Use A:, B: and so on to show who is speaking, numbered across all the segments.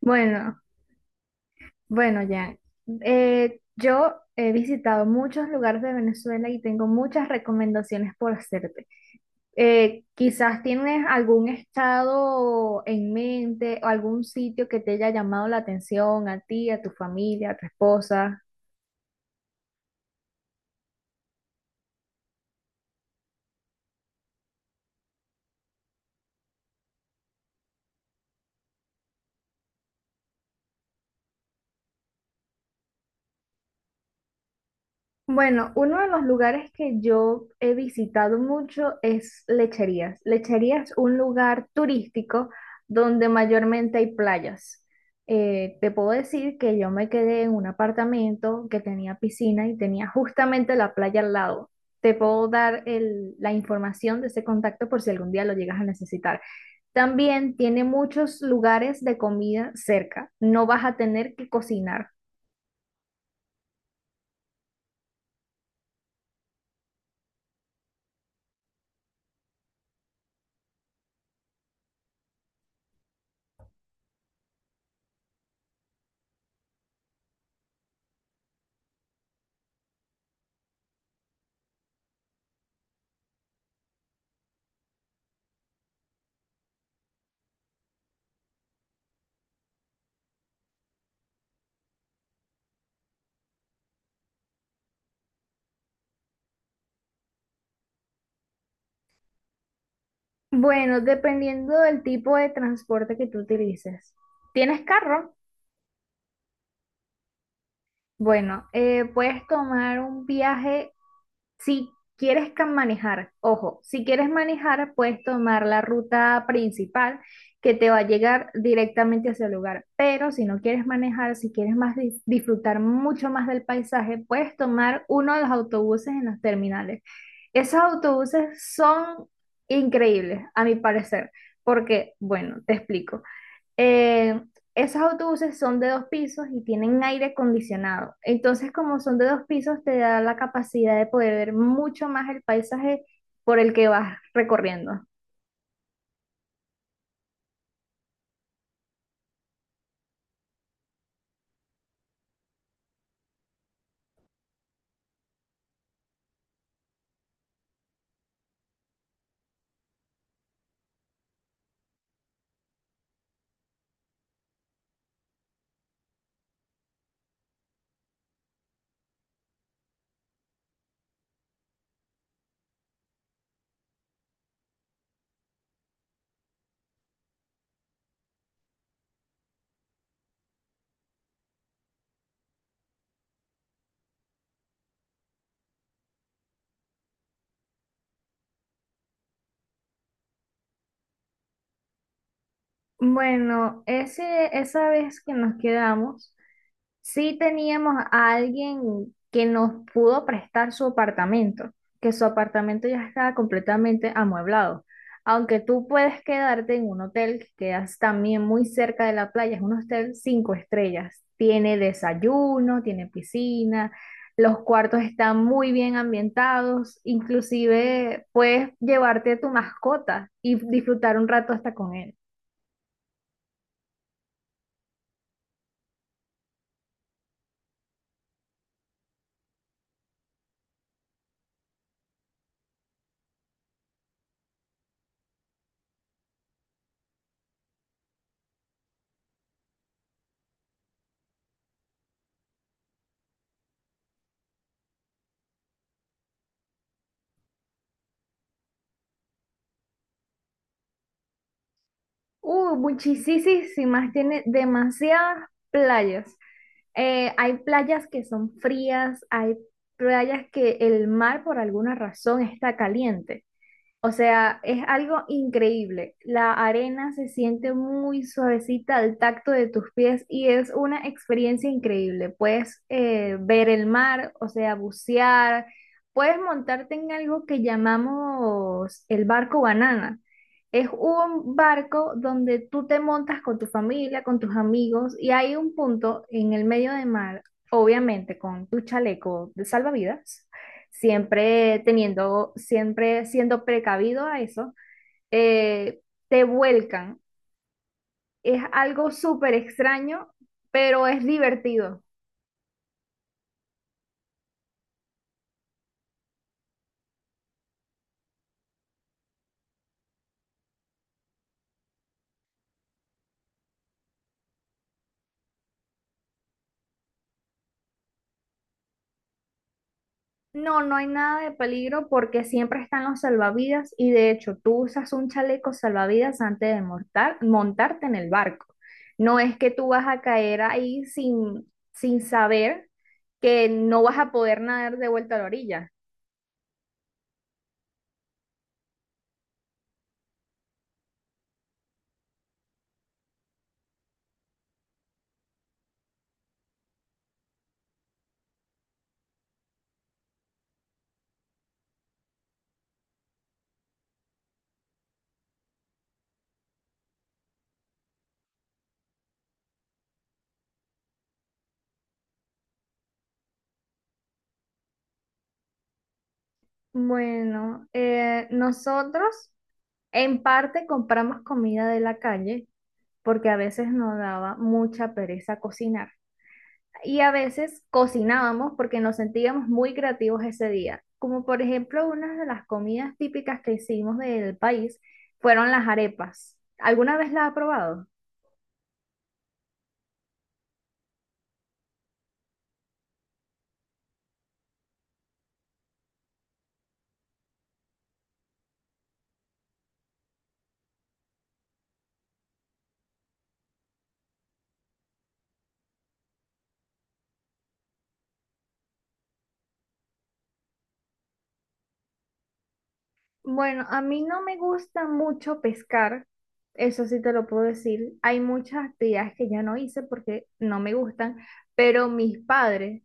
A: Bueno, bueno, Jan. Yo he visitado muchos lugares de Venezuela y tengo muchas recomendaciones por hacerte. Quizás tienes algún estado en mente o algún sitio que te haya llamado la atención a ti, a tu familia, a tu esposa. Bueno, uno de los lugares que yo he visitado mucho es Lecherías. Lecherías es un lugar turístico donde mayormente hay playas. Te puedo decir que yo me quedé en un apartamento que tenía piscina y tenía justamente la playa al lado. Te puedo dar la información de ese contacto por si algún día lo llegas a necesitar. También tiene muchos lugares de comida cerca. No vas a tener que cocinar. Bueno, dependiendo del tipo de transporte que tú utilices. ¿Tienes carro? Bueno, puedes tomar un viaje si quieres manejar. Ojo, si quieres manejar, puedes tomar la ruta principal que te va a llegar directamente hacia el lugar. Pero si no quieres manejar, si quieres más disfrutar mucho más del paisaje, puedes tomar uno de los autobuses en los terminales. Esos autobuses son increíbles, a mi parecer, porque, bueno, te explico. Eh, Esos autobuses son de dos pisos y tienen aire acondicionado. Entonces, como son de dos pisos, te da la capacidad de poder ver mucho más el paisaje por el que vas recorriendo. Bueno, esa vez que nos quedamos, sí teníamos a alguien que nos pudo prestar su apartamento, que su apartamento ya estaba completamente amueblado. Aunque tú puedes quedarte en un hotel que quedas también muy cerca de la playa, es un hotel cinco estrellas. Tiene desayuno, tiene piscina, los cuartos están muy bien ambientados, inclusive puedes llevarte tu mascota y disfrutar un rato hasta con él. Muchísimas, tiene demasiadas playas. Hay playas que son frías, hay playas que el mar por alguna razón está caliente. O sea, es algo increíble. La arena se siente muy suavecita al tacto de tus pies y es una experiencia increíble. Puedes ver el mar, o sea, bucear, puedes montarte en algo que llamamos el barco banana. Es un barco donde tú te montas con tu familia, con tus amigos y hay un punto en el medio del mar, obviamente con tu chaleco de salvavidas, siempre siendo precavido a eso, eh, te vuelcan. Es algo súper extraño, pero es divertido. No, no hay nada de peligro porque siempre están los salvavidas y de hecho tú usas un chaleco salvavidas antes de montarte en el barco. No es que tú vas a caer ahí sin saber que no vas a poder nadar de vuelta a la orilla. Bueno, nosotros en parte compramos comida de la calle porque a veces nos daba mucha pereza cocinar y a veces cocinábamos porque nos sentíamos muy creativos ese día. Como por ejemplo, una de las comidas típicas que hicimos del país fueron las arepas. ¿Alguna vez las ha probado? Bueno, a mí no me gusta mucho pescar, eso sí te lo puedo decir. Hay muchas actividades que ya no hice porque no me gustan, pero mis padres,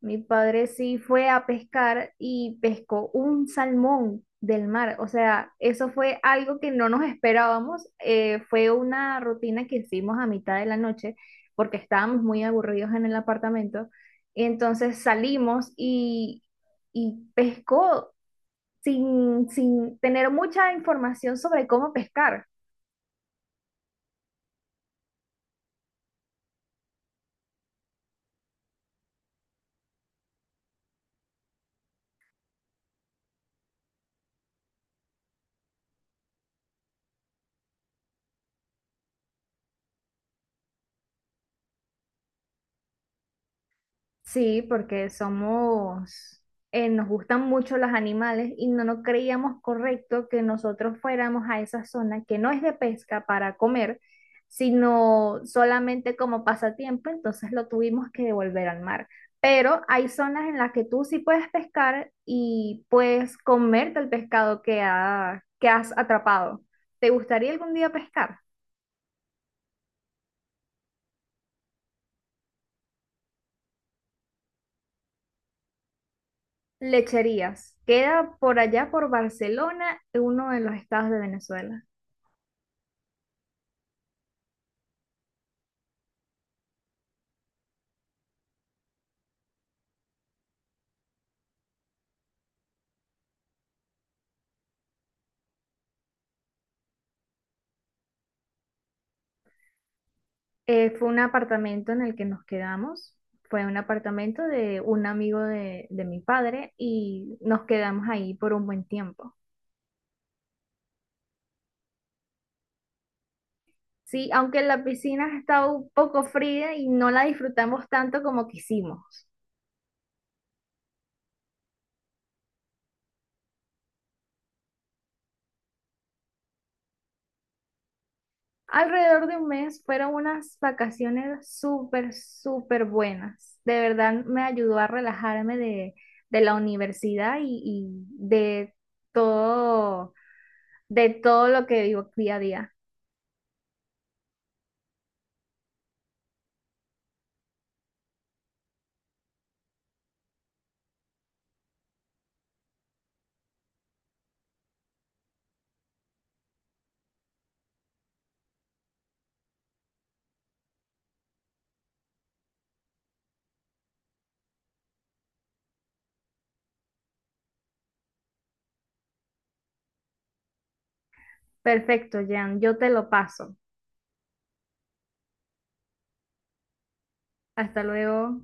A: mi padre sí fue a pescar y pescó un salmón del mar. O sea, eso fue algo que no nos esperábamos. Fue una rutina que hicimos a mitad de la noche porque estábamos muy aburridos en el apartamento. Entonces salimos y pescó sin tener mucha información sobre cómo pescar. Sí, porque somos, nos gustan mucho los animales y no nos creíamos correcto que nosotros fuéramos a esa zona que no es de pesca para comer, sino solamente como pasatiempo, entonces lo tuvimos que devolver al mar. Pero hay zonas en las que tú sí puedes pescar y puedes comerte el pescado que has atrapado. ¿Te gustaría algún día pescar? Lecherías. Queda por allá por Barcelona, uno de los estados de Venezuela. Fue un apartamento en el que nos quedamos. Fue un apartamento de un amigo de mi padre y nos quedamos ahí por un buen tiempo. Sí, aunque la piscina estaba un poco fría y no la disfrutamos tanto como quisimos. Alrededor de un mes fueron unas vacaciones súper, súper buenas. De verdad me ayudó a relajarme de la universidad y todo, de todo lo que vivo día a día. Perfecto, Jan, yo te lo paso. Hasta luego.